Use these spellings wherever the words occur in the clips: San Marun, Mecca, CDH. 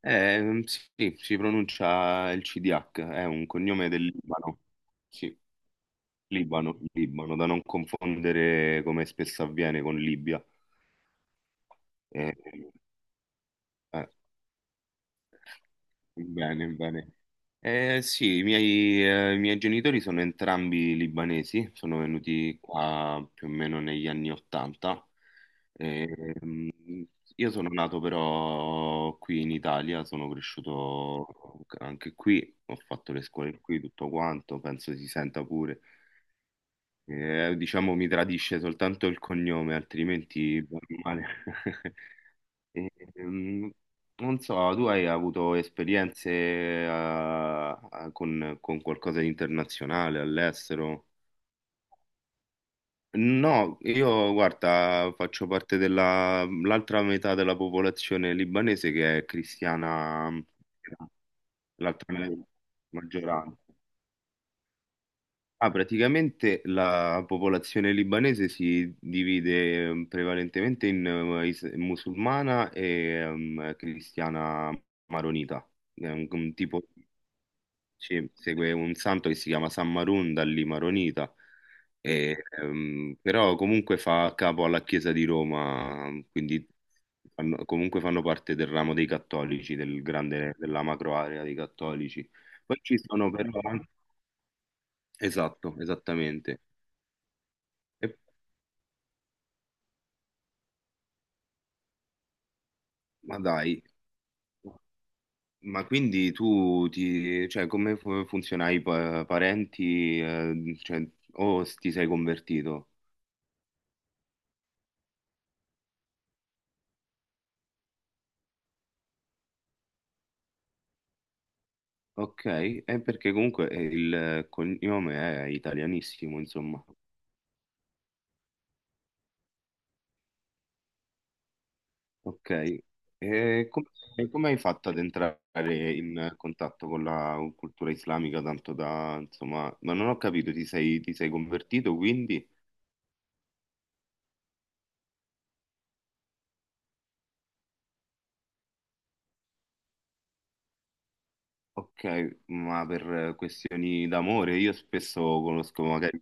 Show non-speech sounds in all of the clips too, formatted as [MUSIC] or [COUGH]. Sì, si pronuncia il CDH, è un cognome del Libano. Sì, Libano, Libano, da non confondere come spesso avviene con Libia. Eh, eh, Bene, bene. Sì, i miei genitori sono entrambi libanesi, sono venuti qua più o meno negli anni Ottanta. Ehm, io sono nato però qui in Italia, sono cresciuto anche qui, ho fatto le scuole qui, tutto quanto, penso si senta pure. Diciamo mi tradisce soltanto il cognome, altrimenti bene o male. [LAUGHS] E, ehm, Non so, tu hai avuto esperienze con qualcosa di internazionale all'estero? No, io guarda, faccio parte della l'altra metà della popolazione libanese che è cristiana, l'altra maggioranza. Ah, praticamente la popolazione libanese si divide prevalentemente in musulmana e cristiana maronita. È un tipo ci segue un santo che si chiama San Marun, da lì maronita, e però comunque fa capo alla Chiesa di Roma, quindi comunque fanno parte del ramo dei cattolici, del grande, della macro area dei cattolici. Poi ci sono però anche... Esatto, esattamente. Ma dai, ma quindi tu ti, cioè, come funziona i parenti, cioè, o ti sei convertito? Ok, è perché comunque il cognome è italianissimo, insomma. Ok, e com- e come hai fatto ad entrare in contatto con la cultura islamica, tanto da, insomma, ma non ho capito, ti sei convertito quindi? Ok, ma per questioni d'amore, io spesso conosco magari...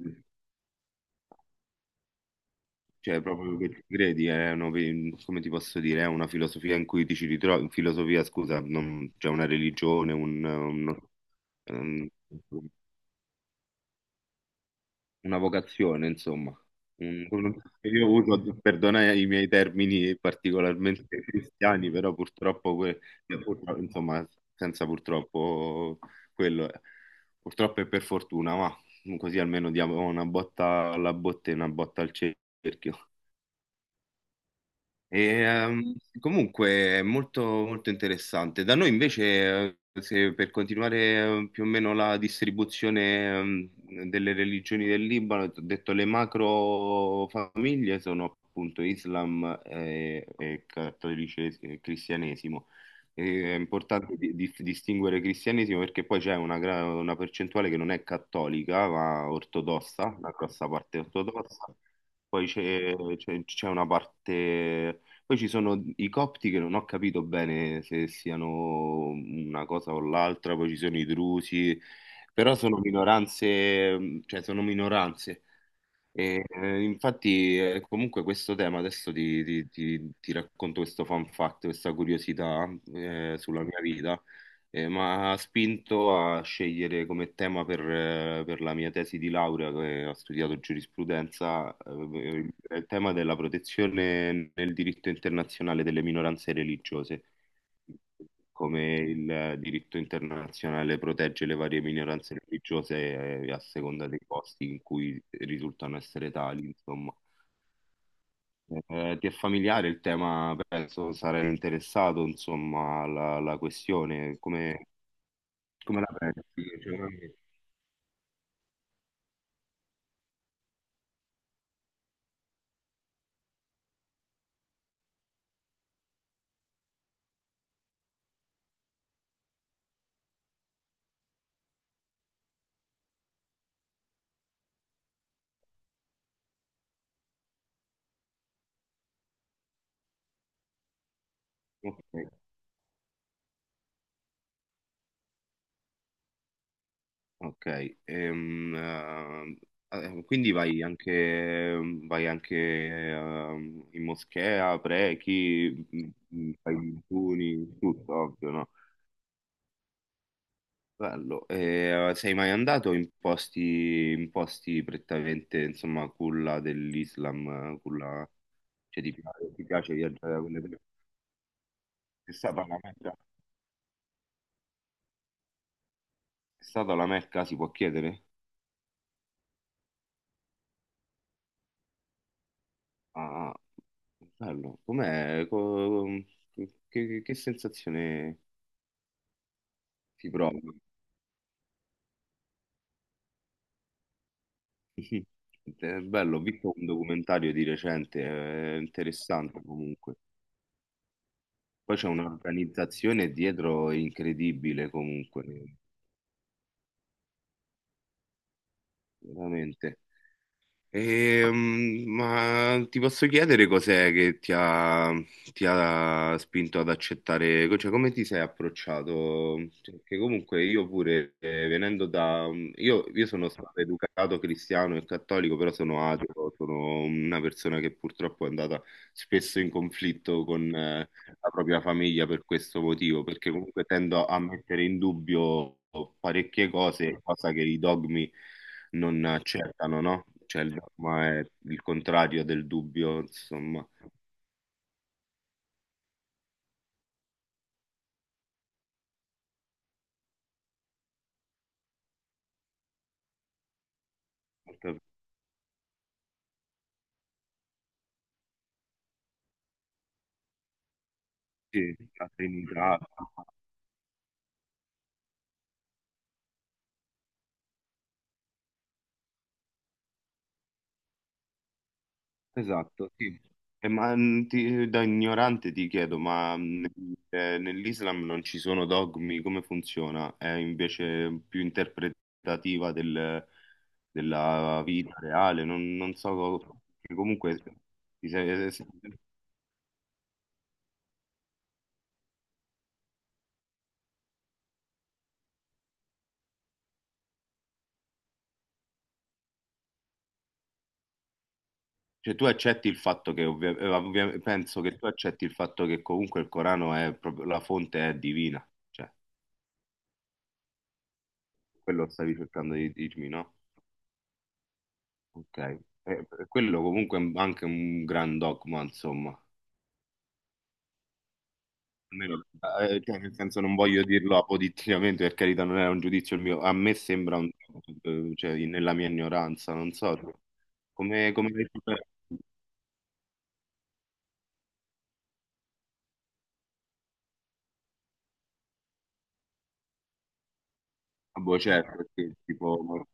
Cioè, proprio che ci credi, come ti posso dire, è una filosofia in cui ti ci ritrovi, filosofia, scusa, non, cioè una religione, un- una vocazione, insomma. Io uso, perdona i miei termini particolarmente [LAUGHS] cristiani, però cioè, insomma, senza purtroppo quello, è. Purtroppo e per fortuna, ma così almeno diamo una botta alla botte e una botta al cerchio. Comunque è molto, molto interessante. Da noi invece, se per continuare più o meno la distribuzione delle religioni del Libano, ti ho detto le macro famiglie sono appunto Islam e cattolicesimo e cristianesimo. E È importante distinguere cristianesimo perché poi c'è una percentuale che non è cattolica, ma ortodossa, una grossa parte ortodossa. Poi c'è una parte poi ci sono i copti che non ho capito bene se siano una cosa o l'altra, poi ci sono i drusi, però sono minoranze, cioè sono minoranze. Infatti, comunque questo tema, adesso ti racconto questo fun fact, questa curiosità sulla mia vita, ma ha spinto a scegliere come tema per la mia tesi di laurea, che ho studiato giurisprudenza, il tema della protezione nel diritto internazionale delle minoranze religiose, come il diritto internazionale protegge le varie minoranze religiose a seconda dei posti in cui risultano essere tali, insomma. Ti è familiare il tema, penso sarai interessato, insomma, alla, alla questione, come, come la pensi? Cioè, ok. Ok, quindi vai anche in moschea, preghi, fai i digiuni, tutto, ovvio, no? Bello. Sei mai andato in posti prettamente, insomma, culla dell'Islam, culla... Cioè, ti piace viaggiare da quelle parti? È stata la Mecca? È stata la Mecca, si può chiedere? Ah, ah, bello. Com'è? Che sensazione? Si prova. [LAUGHS] È bello, ho visto un documentario di recente, è interessante comunque. Poi c'è un'organizzazione dietro incredibile comunque, veramente. Ma ti posso chiedere cos'è che ti ha spinto ad accettare, cioè come ti sei approcciato? Perché comunque io pure, venendo da... mm, io sono stato educato cristiano e cattolico, però sono ateo, sono una persona che purtroppo è andata spesso in conflitto con, la propria famiglia per questo motivo, perché comunque tendo a mettere in dubbio parecchie cose, cosa che i dogmi non accettano, no? Cioè il dogma è il contrario del dubbio, insomma. Sì, la Trinità. Esatto, sì. Ma da ignorante ti chiedo, ma nell'Islam non ci sono dogmi, come funziona? È invece più interpretativa della vita reale, non so, che comunque ti sei cioè, tu accetti il fatto che, penso che tu accetti il fatto che comunque il Corano è proprio, la fonte è divina, cioè, quello stavi cercando di dirmi, no? Ok. Quello comunque è anche un gran dogma, insomma. Almeno, cioè, nel senso non voglio dirlo apoditticamente, per carità, non era un giudizio il mio, a me sembra un cioè, nella mia ignoranza, non so, come, come l'hai superato? Ah, boh, certo, perché tipo,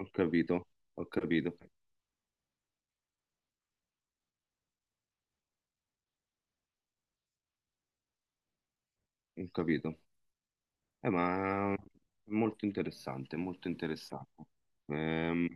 ho capito, ho capito, ho capito. Ma è molto interessante, molto interessante. Ehm,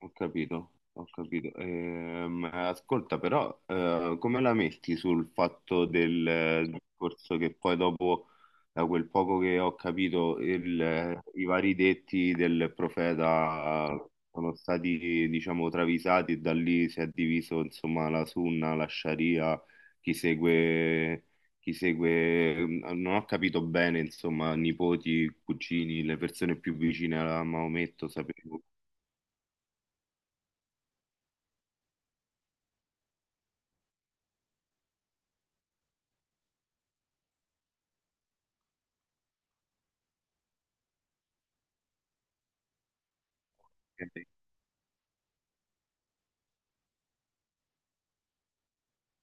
Ho capito, ho capito. Ascolta, però, come la metti sul fatto del discorso che poi dopo, da quel poco che ho capito, i vari detti del profeta sono stati, diciamo, travisati e da lì si è diviso, insomma, la sunna, la sharia, chi segue, chi segue, non ho capito bene, insomma, nipoti, cugini, le persone più vicine a Maometto, sapevo.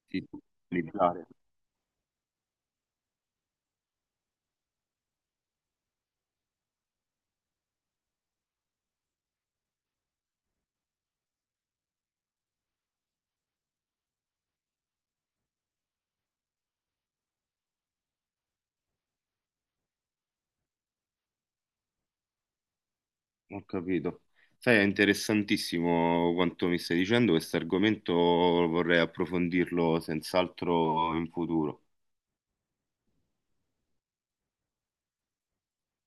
Sì, utilizzare. Ho capito. Sai, è interessantissimo quanto mi stai dicendo, questo argomento vorrei approfondirlo senz'altro in futuro.